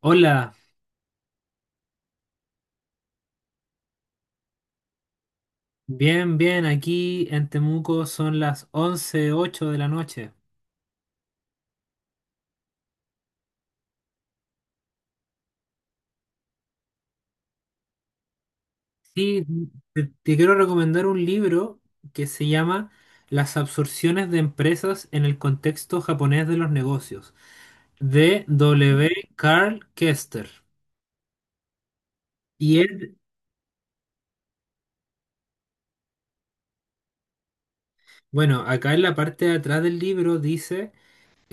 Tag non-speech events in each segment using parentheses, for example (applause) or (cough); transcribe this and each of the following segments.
Hola, bien, bien, aquí en Temuco son las once ocho de la noche. Sí, te quiero recomendar un libro que se llama Las absorciones de empresas en el contexto japonés de los negocios, de W. Carl Kester. Y él, bueno, acá en la parte de atrás del libro dice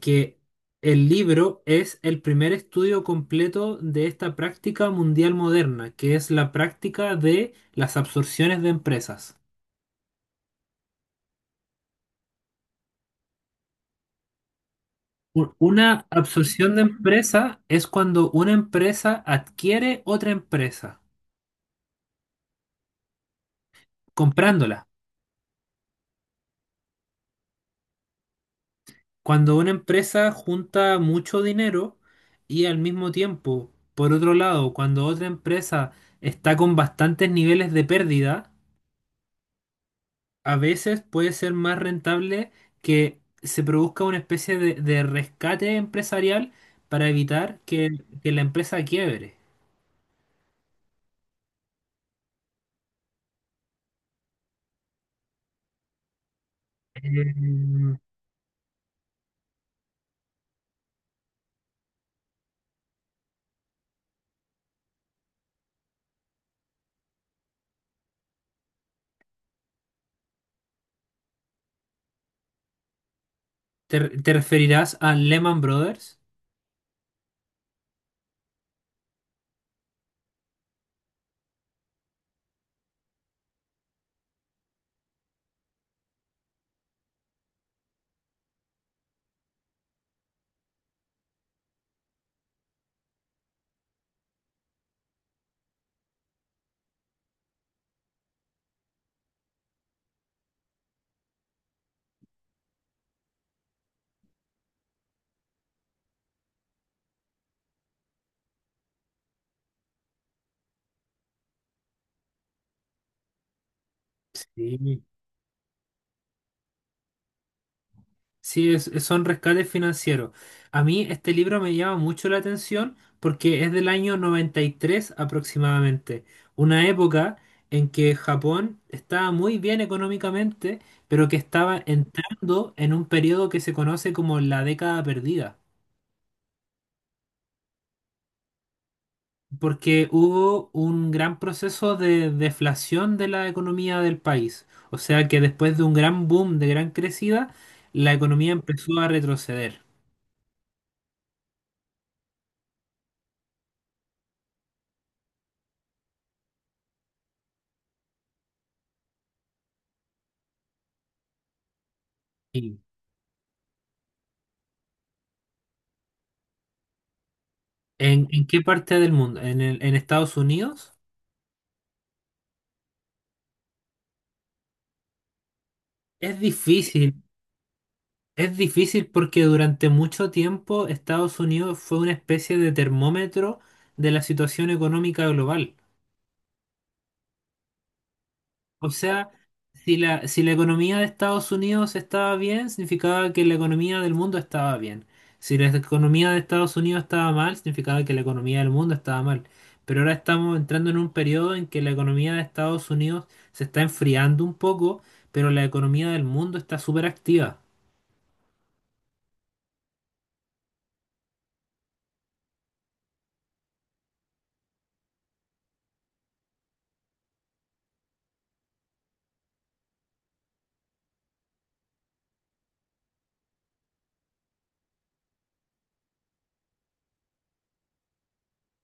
que el libro es el primer estudio completo de esta práctica mundial moderna, que es la práctica de las absorciones de empresas. Una absorción de empresa es cuando una empresa adquiere otra empresa, comprándola. Cuando una empresa junta mucho dinero y al mismo tiempo, por otro lado, cuando otra empresa está con bastantes niveles de pérdida, a veces puede ser más rentable que se produzca una especie de rescate empresarial para evitar que la empresa quiebre. Eh, te referirás a Lehman Brothers? Sí. Sí, son rescates financieros. A mí este libro me llama mucho la atención porque es del año 93 aproximadamente, una época en que Japón estaba muy bien económicamente, pero que estaba entrando en un periodo que se conoce como la década perdida, porque hubo un gran proceso de deflación de la economía del país. O sea que después de un gran boom, de gran crecida, la economía empezó a retroceder. ¿En qué parte del mundo? ¿En Estados Unidos? Es difícil, es difícil porque durante mucho tiempo Estados Unidos fue una especie de termómetro de la situación económica global. O sea, si la economía de Estados Unidos estaba bien, significaba que la economía del mundo estaba bien. Si la economía de Estados Unidos estaba mal, significaba que la economía del mundo estaba mal. Pero ahora estamos entrando en un periodo en que la economía de Estados Unidos se está enfriando un poco, pero la economía del mundo está súper activa.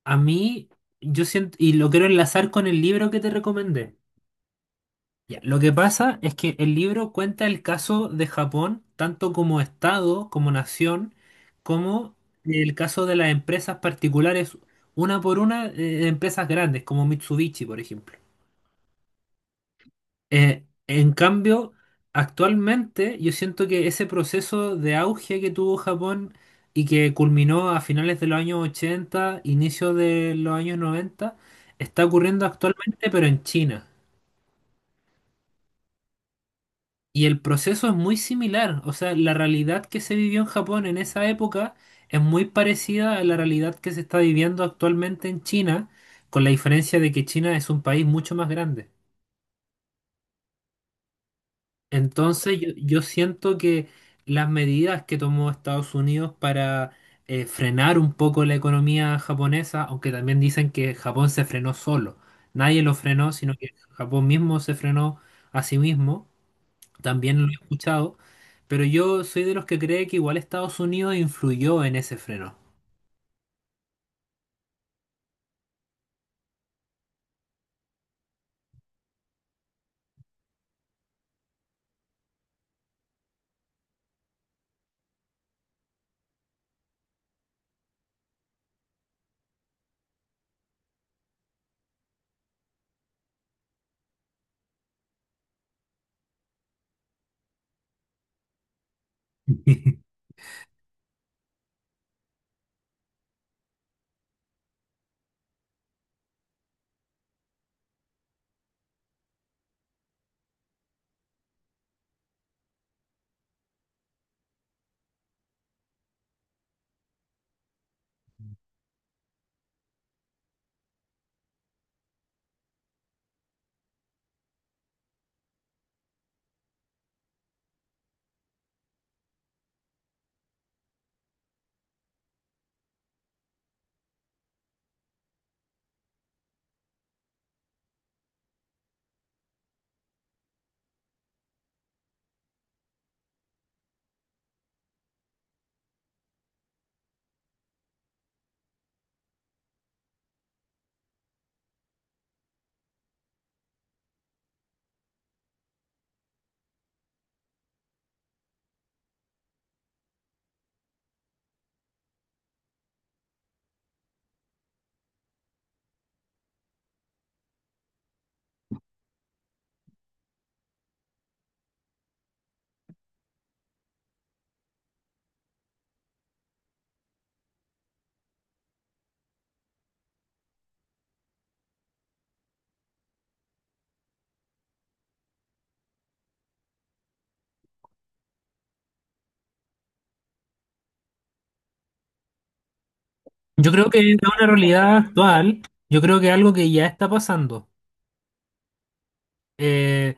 A mí, yo siento, y lo quiero enlazar con el libro que te recomendé. Ya, lo que pasa es que el libro cuenta el caso de Japón, tanto como Estado, como nación, como el caso de las empresas particulares, una por una, empresas grandes, como Mitsubishi, por ejemplo. En cambio, actualmente yo siento que ese proceso de auge que tuvo Japón y que culminó a finales de los años 80, inicio de los años 90, está ocurriendo actualmente, pero en China. Y el proceso es muy similar, o sea, la realidad que se vivió en Japón en esa época es muy parecida a la realidad que se está viviendo actualmente en China, con la diferencia de que China es un país mucho más grande. Entonces yo siento que las medidas que tomó Estados Unidos para frenar un poco la economía japonesa, aunque también dicen que Japón se frenó solo, nadie lo frenó, sino que Japón mismo se frenó a sí mismo También lo he escuchado, pero yo soy de los que cree que igual Estados Unidos influyó en ese freno. (laughs) Yo creo que es una realidad actual, yo creo que es algo que ya está pasando. Eh,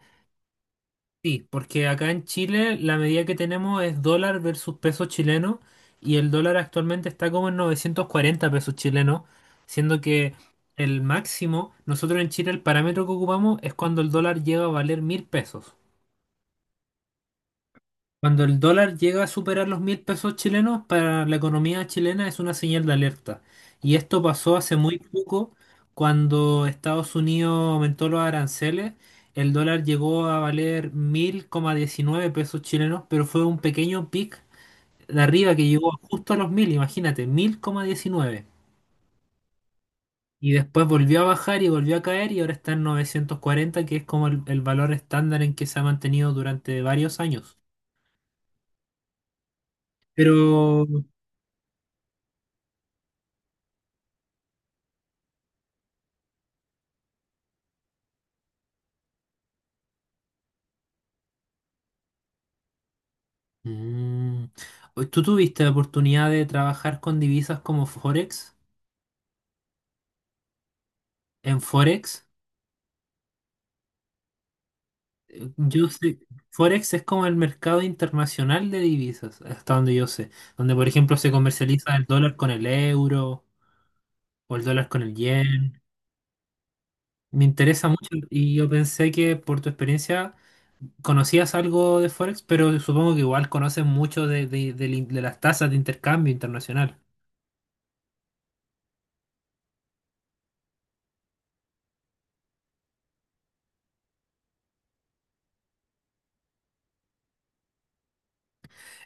sí, porque acá en Chile la medida que tenemos es dólar versus peso chileno y el dólar actualmente está como en 940 pesos chilenos, siendo que el máximo, nosotros en Chile el parámetro que ocupamos es cuando el dólar llega a valer mil pesos. Cuando el dólar llega a superar los mil pesos chilenos, para la economía chilena es una señal de alerta. Y esto pasó hace muy poco, cuando Estados Unidos aumentó los aranceles, el dólar llegó a valer 1000,19 pesos chilenos, pero fue un pequeño pic de arriba que llegó justo a los 1.000 imagínate, 1000,19 Y después volvió a bajar y volvió a caer y ahora está en 940 que es como el valor estándar en que se ha mantenido durante varios años. Pero. Mm. ¿Tú tuviste la oportunidad de trabajar con divisas como Forex? En Forex, yo sé, Forex es como el mercado internacional de divisas, hasta donde yo sé, donde por ejemplo se comercializa el dólar con el euro o el dólar con el yen. Me interesa mucho y yo pensé que por tu experiencia conocías algo de Forex, pero supongo que igual conoces mucho de, de las tasas de intercambio internacional.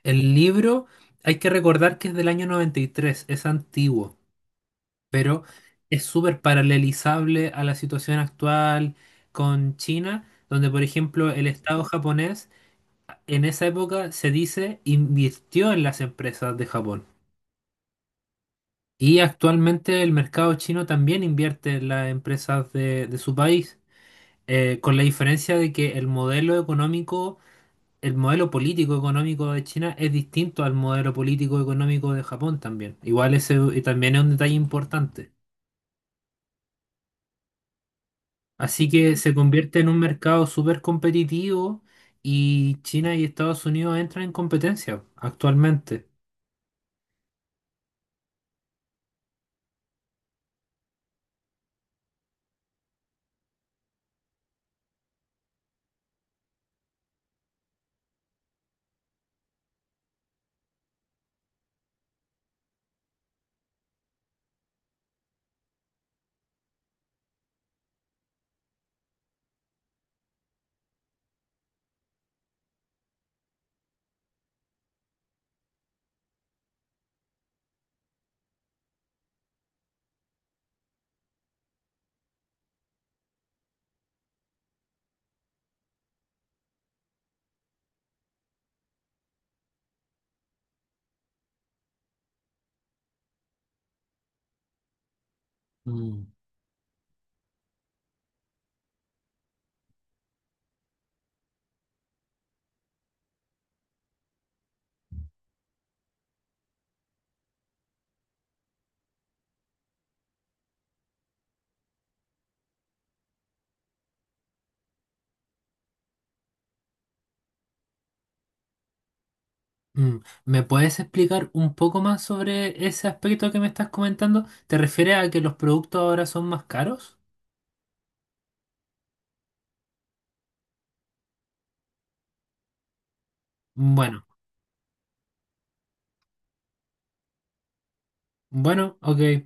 El libro, hay que recordar que es del año 93 es antiguo. Pero es súper paralelizable a la situación actual con China, donde por ejemplo el Estado japonés en esa época se dice invirtió en las empresas de Japón. Y actualmente el mercado chino también invierte en las empresas de su país, con la diferencia de que el modelo económico, el modelo político económico de China es distinto al modelo político económico de Japón también. Igual ese también es un detalle importante. Así que se convierte en un mercado súper competitivo y China y Estados Unidos entran en competencia actualmente. Mm. Mm, ¿Me puedes explicar un poco más sobre ese aspecto que me estás comentando? ¿Te refieres a que los productos ahora son más caros? Bueno, bueno, ok.